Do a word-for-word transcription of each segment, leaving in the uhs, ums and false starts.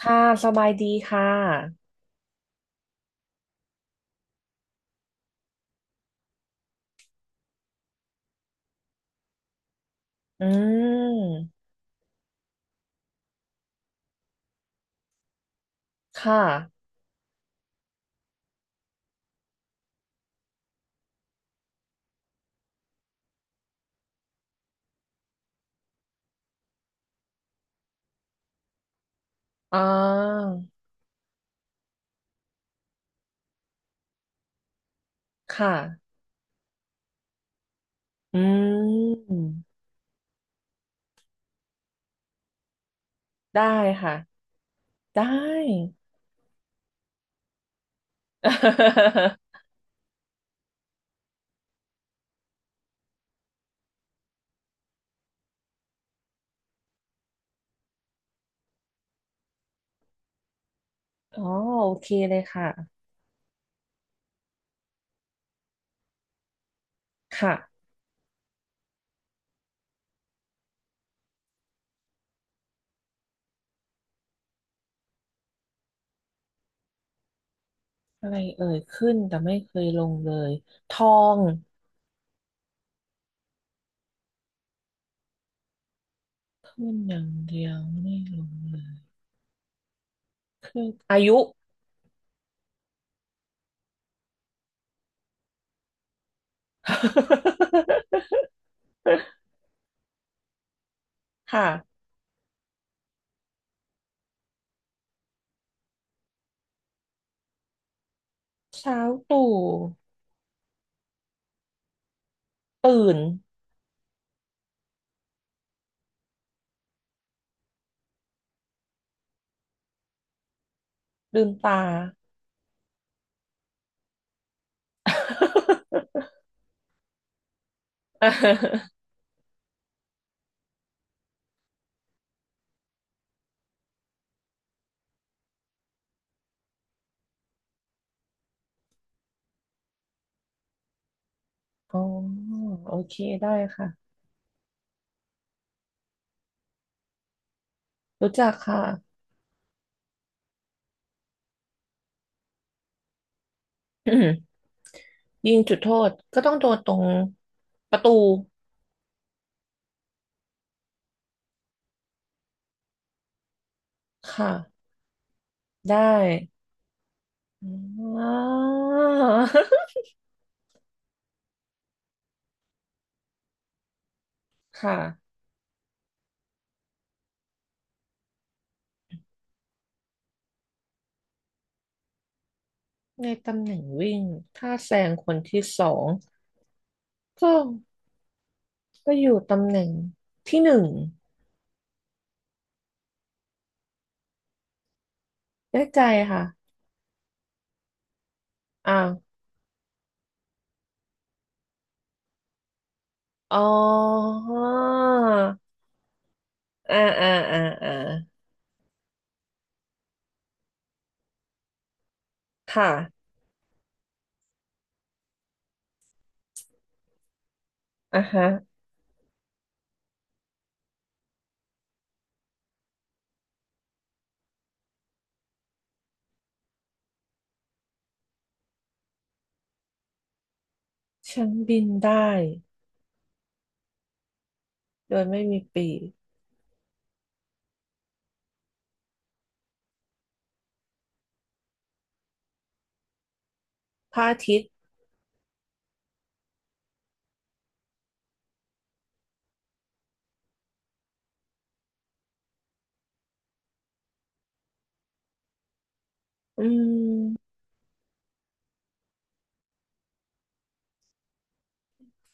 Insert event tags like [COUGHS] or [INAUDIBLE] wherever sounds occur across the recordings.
ค่ะสบายดีค่ะ อืมค่ะ อ่า ค่ะ อืม ได้ค่ะ ได้ [LAUGHS] อ๋อโอเคเลยค่ะ ค่ะ อะไรเอ่ยขึ้นแต่ไม่เคยลงเลย ทองขึ้นอย่างเดียวไม่ลงเลยขึ้นอายุ [LAUGHS] ค่ะเช้าตู่ตื่นลืมตา อ๋อโอเคได้ค่ะรู้จักค่ะ [COUGHS] อืมยิงจุดโทษก็ต้องโดนตรงประตูค่ะได้อ่าว [LAUGHS] ค่ะในตำแหน่งวิ่งถ้าแซงคนที่สองก็ก็อยู่ตำแหน่งที่หนึ่งได้ใจค่ะอ้าวอ๋ออ่าอ่าอ่าอ่าค่ะอ่ะฮะฉันบินได้โดยไม่มีปีกพระอาทิตย์ อืม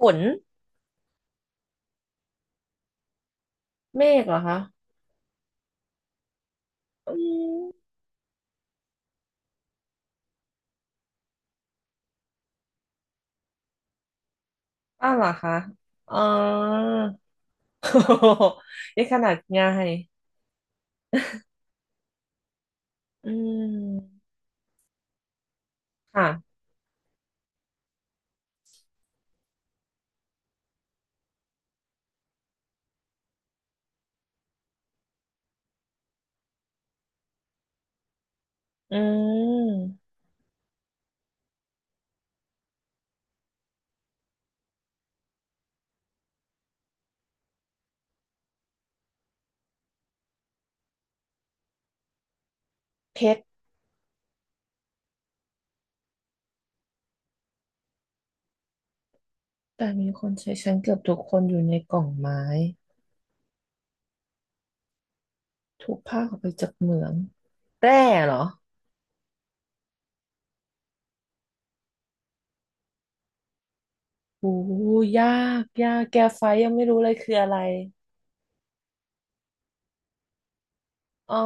ฝนเมฆเหรอคะอืมอ้าวเหรอคะอ๋อ [LAUGHS] นี่ขนาดง่ายอืมค่ะอืมเพชรแต่มีคนใช้ชั้นเกือบทุกคนอยู่ในกล่องไม้ถูกภาคออกไปจากเหมืองแร่เหรอโอ้ยากยากแกไฟยังไม่รู้เลยคืออะไรอ๋อ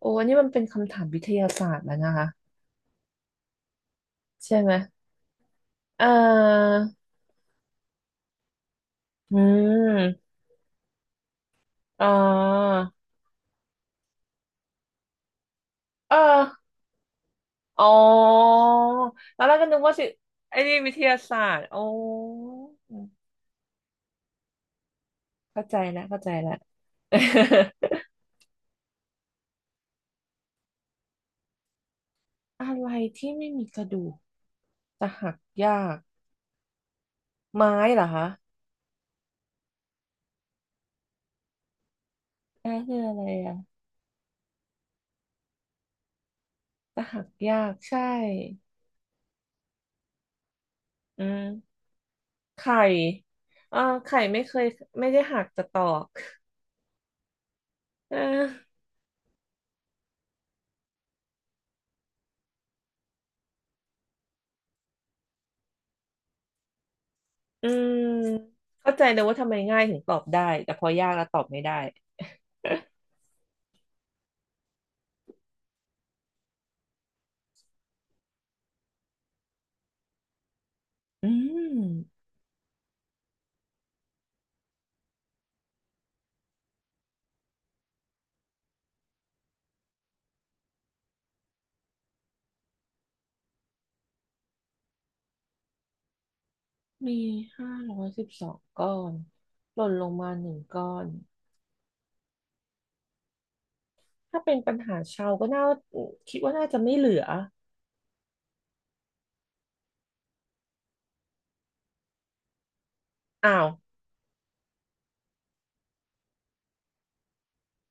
โอ้อันนี้มันเป็นคำถามวิทยาศาสตร์แล้วนะคะใช่ไหมเอ่ออืม อ่าเออ อ๋อ แล้วเราก็นึกว่าสิไอ้นี่วิทยาศาสตร์โอ้เข้าใจแล้วเข้าใจแล้ว [LAUGHS] อะไรที่ไม่มีกระดูกจะหักยากไม้เหรอคะนั่นคืออะไรอ่ะจะหักยากใช่อืมไข่อ่าไข่ไม่เคยไม่ได้หักแต่ตอกเอออืมเข้าใจเลยว่าทำไมง่ายถึงตอบได้แต่พอยากแล้วตอบไม่ได้อืม มีห้าร้อยสิบสองก้อน หล่นลงมาหนึ่งก้อน ถ้าเป็นปัญหาเชาวก็น่าคิดว่าน่าจะไม่เหลืออ้าว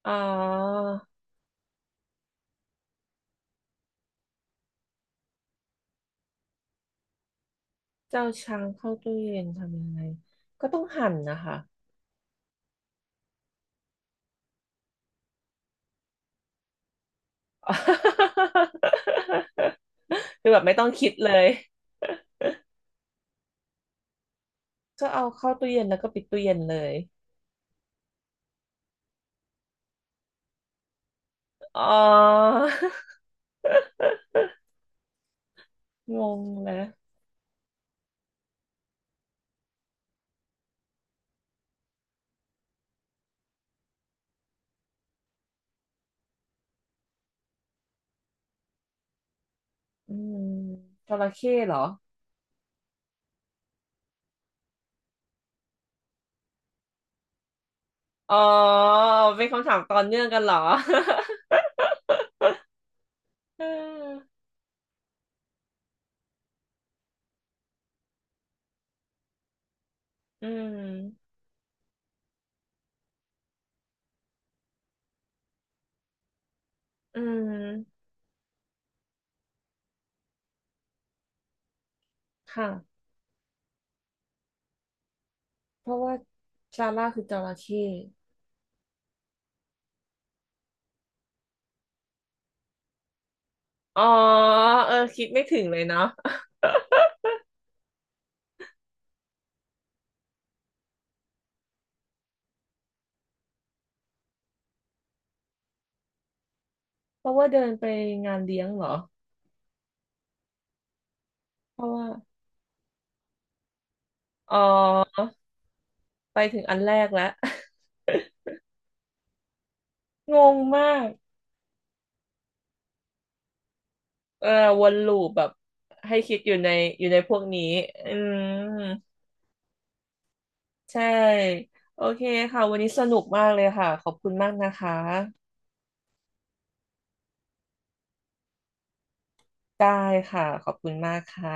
อ๋อเจ้าช้างเข้าตู้เย็นทำยังไงก็ต้องหั่นนะคะ [LAUGHS] คือแบบไม่ต้องคิดเลยก็เอาเข้าตู้เย็นแล้วก็ปิดตู้เย็นเลยอ๋อ [LAUGHS] งงนะอืมจระเข้เหรออ๋อเป็นคำถามต่อเนื่องกันเหรอ [LAUGHS] อ อืมอืมค่ะ เพราะว่าซาร่าคือจระเข้อ๋อเออคิดไม่ถึงเลยเนาะเพราะว่าเดินไปงานเลี้ยงเหรอเพราะว่าอ๋อ ไปถึงอันแรกแล้ว [LAUGHS] งงมากเออวนลูปแบบให้คิดอยู่ในอยู่ในพวกนี้อืมใช่ โอเคค่ะวันนี้สนุกมากเลยค่ะขอบคุณมากนะคะ ได้ค่ะขอบคุณมากค่ะ